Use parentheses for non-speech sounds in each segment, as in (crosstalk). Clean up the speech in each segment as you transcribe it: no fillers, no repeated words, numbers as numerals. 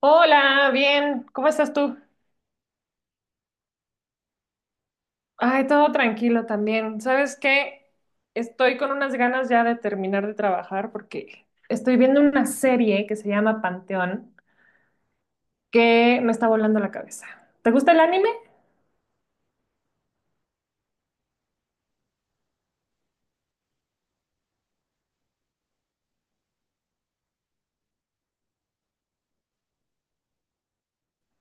Hola, bien, ¿cómo estás tú? Ay, todo tranquilo también. ¿Sabes qué? Estoy con unas ganas ya de terminar de trabajar porque estoy viendo una serie que se llama Panteón que me está volando la cabeza. ¿Te gusta el anime?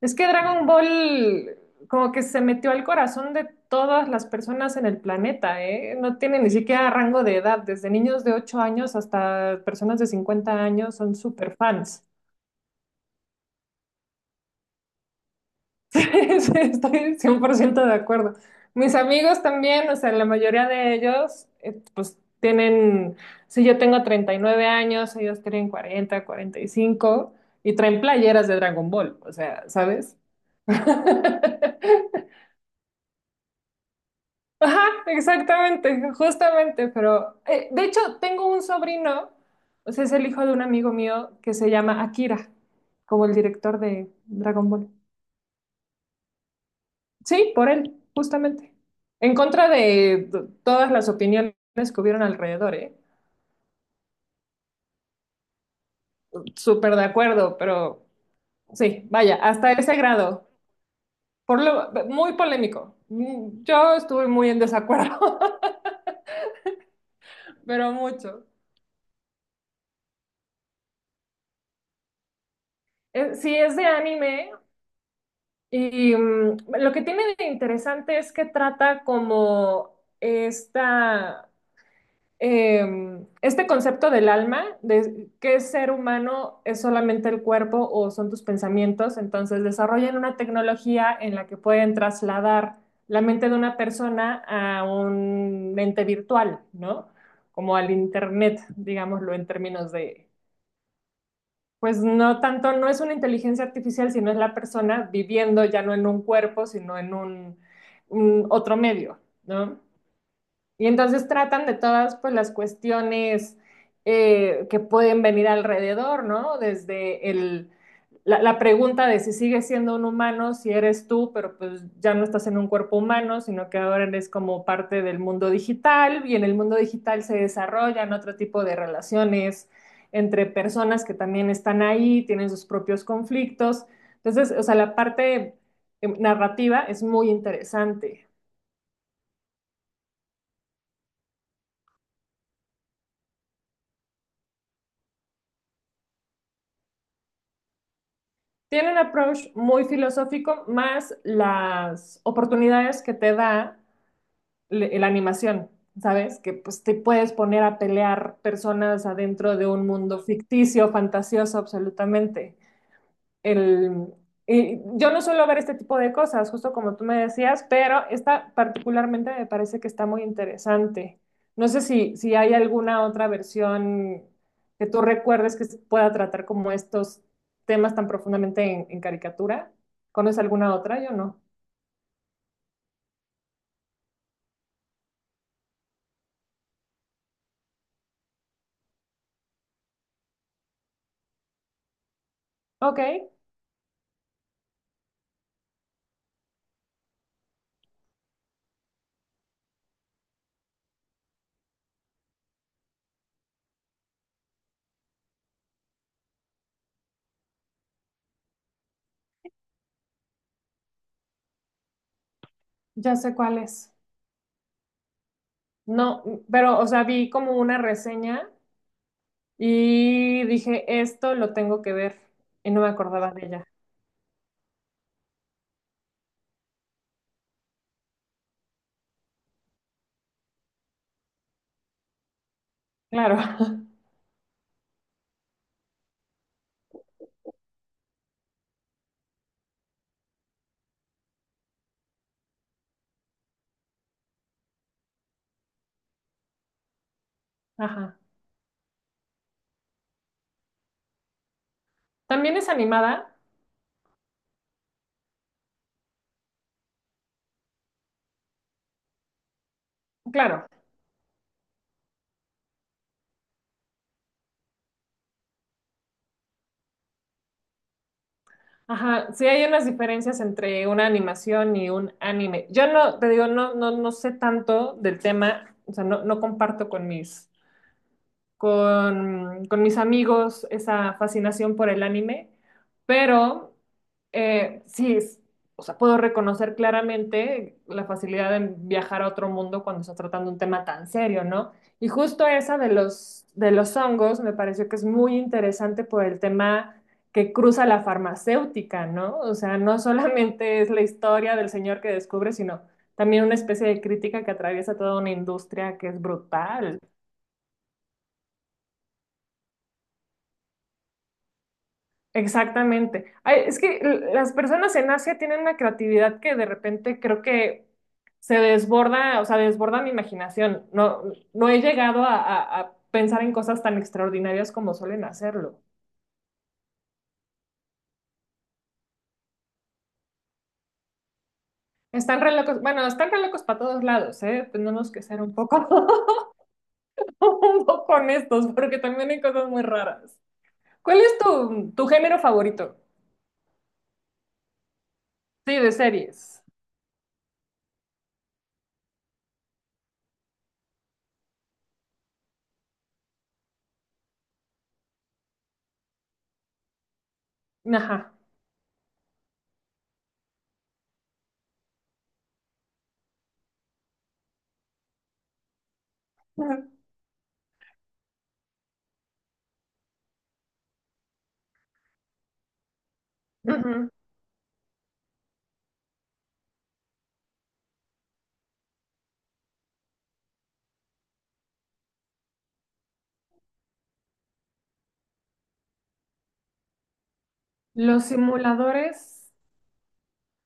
Es que Dragon Ball como que se metió al corazón de todas las personas en el planeta, ¿eh? No tiene ni siquiera rango de edad, desde niños de 8 años hasta personas de 50 años son súper fans. (laughs) Sí, estoy 100% de acuerdo. Mis amigos también, o sea, la mayoría de ellos, pues tienen, si yo tengo 39 años, ellos tienen 40, 45 y cinco y traen playeras de Dragon Ball, o sea, ¿sabes? (laughs) Ajá, exactamente, justamente, pero de hecho tengo un sobrino, o sea, es el hijo de un amigo mío que se llama Akira, como el director de Dragon Ball. Sí, por él, justamente. En contra de todas las opiniones que hubieron alrededor, ¿eh? Súper de acuerdo, pero sí, vaya, hasta ese grado. Por lo, muy polémico. Yo estuve muy en desacuerdo, (laughs) pero mucho. Sí, es de anime y lo que tiene de interesante es que trata como esta eh, este concepto del alma, de qué ser humano es solamente el cuerpo o son tus pensamientos, entonces desarrollan una tecnología en la que pueden trasladar la mente de una persona a un ente virtual, ¿no? Como al internet, digámoslo en términos de, pues no tanto, no es una inteligencia artificial, sino es la persona viviendo ya no en un cuerpo, sino en un otro medio, ¿no? Y entonces tratan de todas pues, las cuestiones que pueden venir alrededor, ¿no? Desde la pregunta de si sigues siendo un humano, si eres tú, pero pues ya no estás en un cuerpo humano, sino que ahora eres como parte del mundo digital y en el mundo digital se desarrollan otro tipo de relaciones entre personas que también están ahí, tienen sus propios conflictos. Entonces, o sea, la parte narrativa es muy interesante. Tiene un approach muy filosófico, más las oportunidades que te da la animación, ¿sabes? Que pues te puedes poner a pelear personas adentro de un mundo ficticio, fantasioso, absolutamente el, y yo no suelo ver este tipo de cosas, justo como tú me decías, pero esta particularmente me parece que está muy interesante. No sé si hay alguna otra versión que tú recuerdes que pueda tratar como estos temas tan profundamente en caricatura. ¿Conoces alguna otra? Yo no. Ok, ya sé cuál es. No, pero, o sea, vi como una reseña y dije, esto lo tengo que ver y no me acordaba de ella. Claro. (laughs) Ajá. También es animada, claro. Ajá, sí hay unas diferencias entre una animación y un anime. Yo no, te digo, no, no, no sé tanto del tema, o sea, no, no comparto con con mis amigos esa fascinación por el anime, pero sí, o sea, puedo reconocer claramente la facilidad de viajar a otro mundo cuando está tratando un tema tan serio, ¿no? Y justo esa de los hongos me pareció que es muy interesante por el tema que cruza la farmacéutica, ¿no? O sea, no solamente es la historia del señor que descubre, sino también una especie de crítica que atraviesa toda una industria que es brutal. Exactamente. Ay, es que las personas en Asia tienen una creatividad que de repente creo que se desborda, o sea, desborda mi imaginación. No, no he llegado a pensar en cosas tan extraordinarias como suelen hacerlo. Están re locos, bueno, están re locos para todos lados, ¿eh? Tenemos que ser un poco, (laughs) un poco honestos, porque también hay cosas muy raras. ¿Cuál es tu género favorito? Sí, de series. Ajá. (laughs) Ujú. Los simuladores.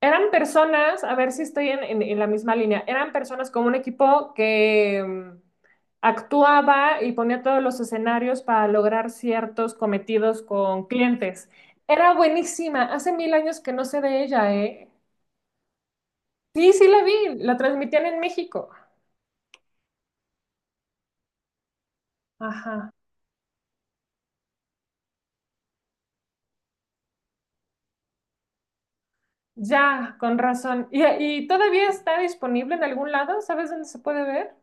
Eran personas, a ver si estoy en la misma línea, eran personas como un equipo que actuaba y ponía todos los escenarios para lograr ciertos cometidos con clientes. Era buenísima, hace mil años que no sé de ella, ¿eh? Sí, sí la vi, la transmitían en México. Ajá, ya, con razón. ¿Y todavía está disponible en algún lado? ¿Sabes dónde se puede ver?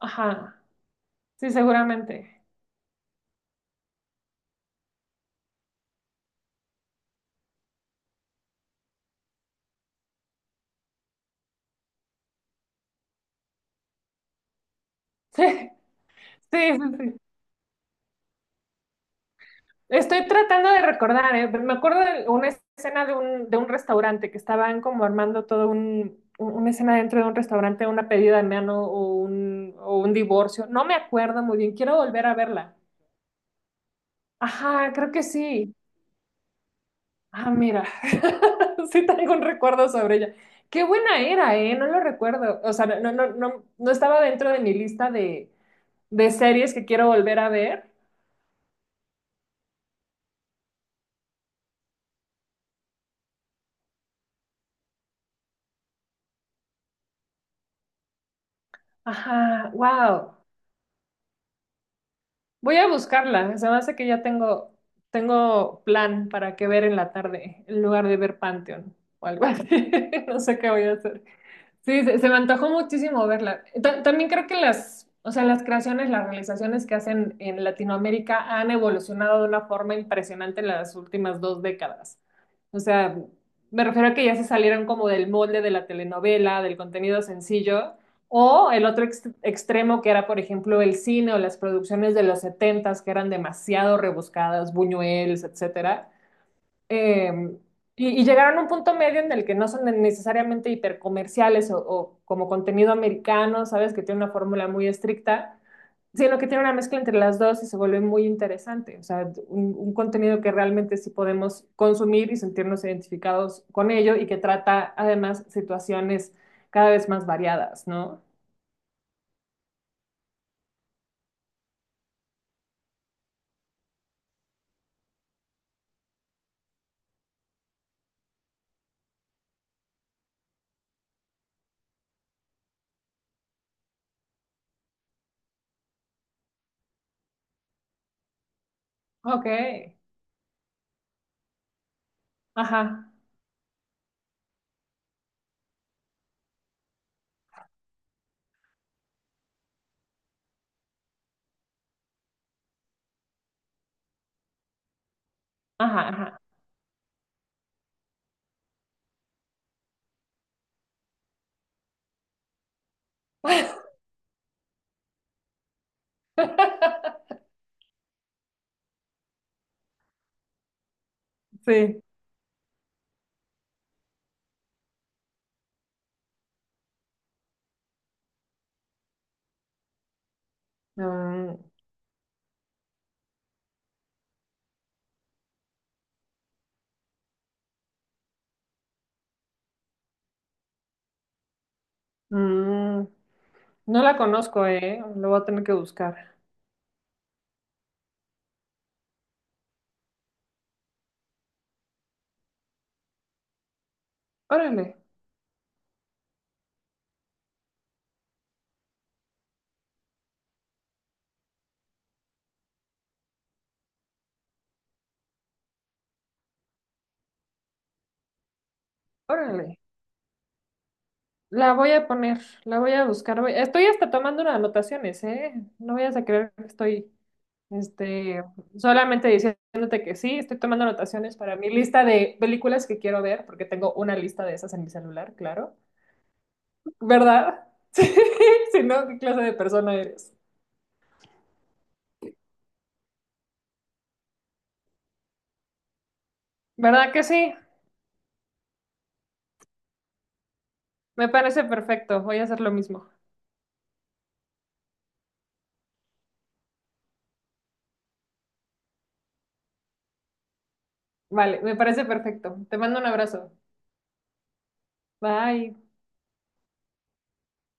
Ajá, sí, seguramente. (laughs) Sí, sí, sí. Estoy tratando de recordar, ¿eh? Me acuerdo de una escena de de un restaurante que estaban como armando todo una escena dentro de un restaurante, una pedida de mano o o un divorcio. No me acuerdo muy bien, quiero volver a verla. Ajá, creo que sí. Ah, mira, (laughs) sí tengo un recuerdo sobre ella. Qué buena era, ¿eh? No lo recuerdo. O sea, no, no, no, no estaba dentro de mi lista de series que quiero volver a ver. Ajá, wow. Voy a buscarla. Se me hace que ya tengo plan para que ver en la tarde, en lugar de ver Pantheon o algo así. (laughs) No sé qué voy a hacer. Sí, se me antojó muchísimo verla. También creo que las, o sea, las creaciones, las realizaciones que hacen en Latinoamérica han evolucionado de una forma impresionante en las últimas 2 décadas. O sea, me refiero a que ya se salieron como del molde de la telenovela, del contenido sencillo, o el otro extremo que era, por ejemplo, el cine o las producciones de los setentas que eran demasiado rebuscadas, Buñuelos, etcétera, eh, y llegaron a un punto medio en el que no son necesariamente hipercomerciales o como contenido americano, ¿sabes? Que tiene una fórmula muy estricta, sino que tiene una mezcla entre las dos y se vuelve muy interesante. O sea, un contenido que realmente sí podemos consumir y sentirnos identificados con ello y que trata además situaciones cada vez más variadas, ¿no? Ok. Ajá, ajá, ajá. (laughs) Sí. Mm, mm. No la conozco, ¿eh? Lo voy a tener que buscar. Órale, órale. La voy a poner, la voy a buscar. Estoy hasta tomando unas anotaciones, ¿eh? No vayas a creer que estoy, este, solamente diciéndote que sí, estoy tomando anotaciones para mi lista de películas que quiero ver, porque tengo una lista de esas en mi celular, claro. ¿Verdad? (laughs) Sí, si no, ¿qué clase de persona eres? ¿Verdad que sí? Me parece perfecto. Voy a hacer lo mismo. Vale, me parece perfecto. Te mando un abrazo. Bye.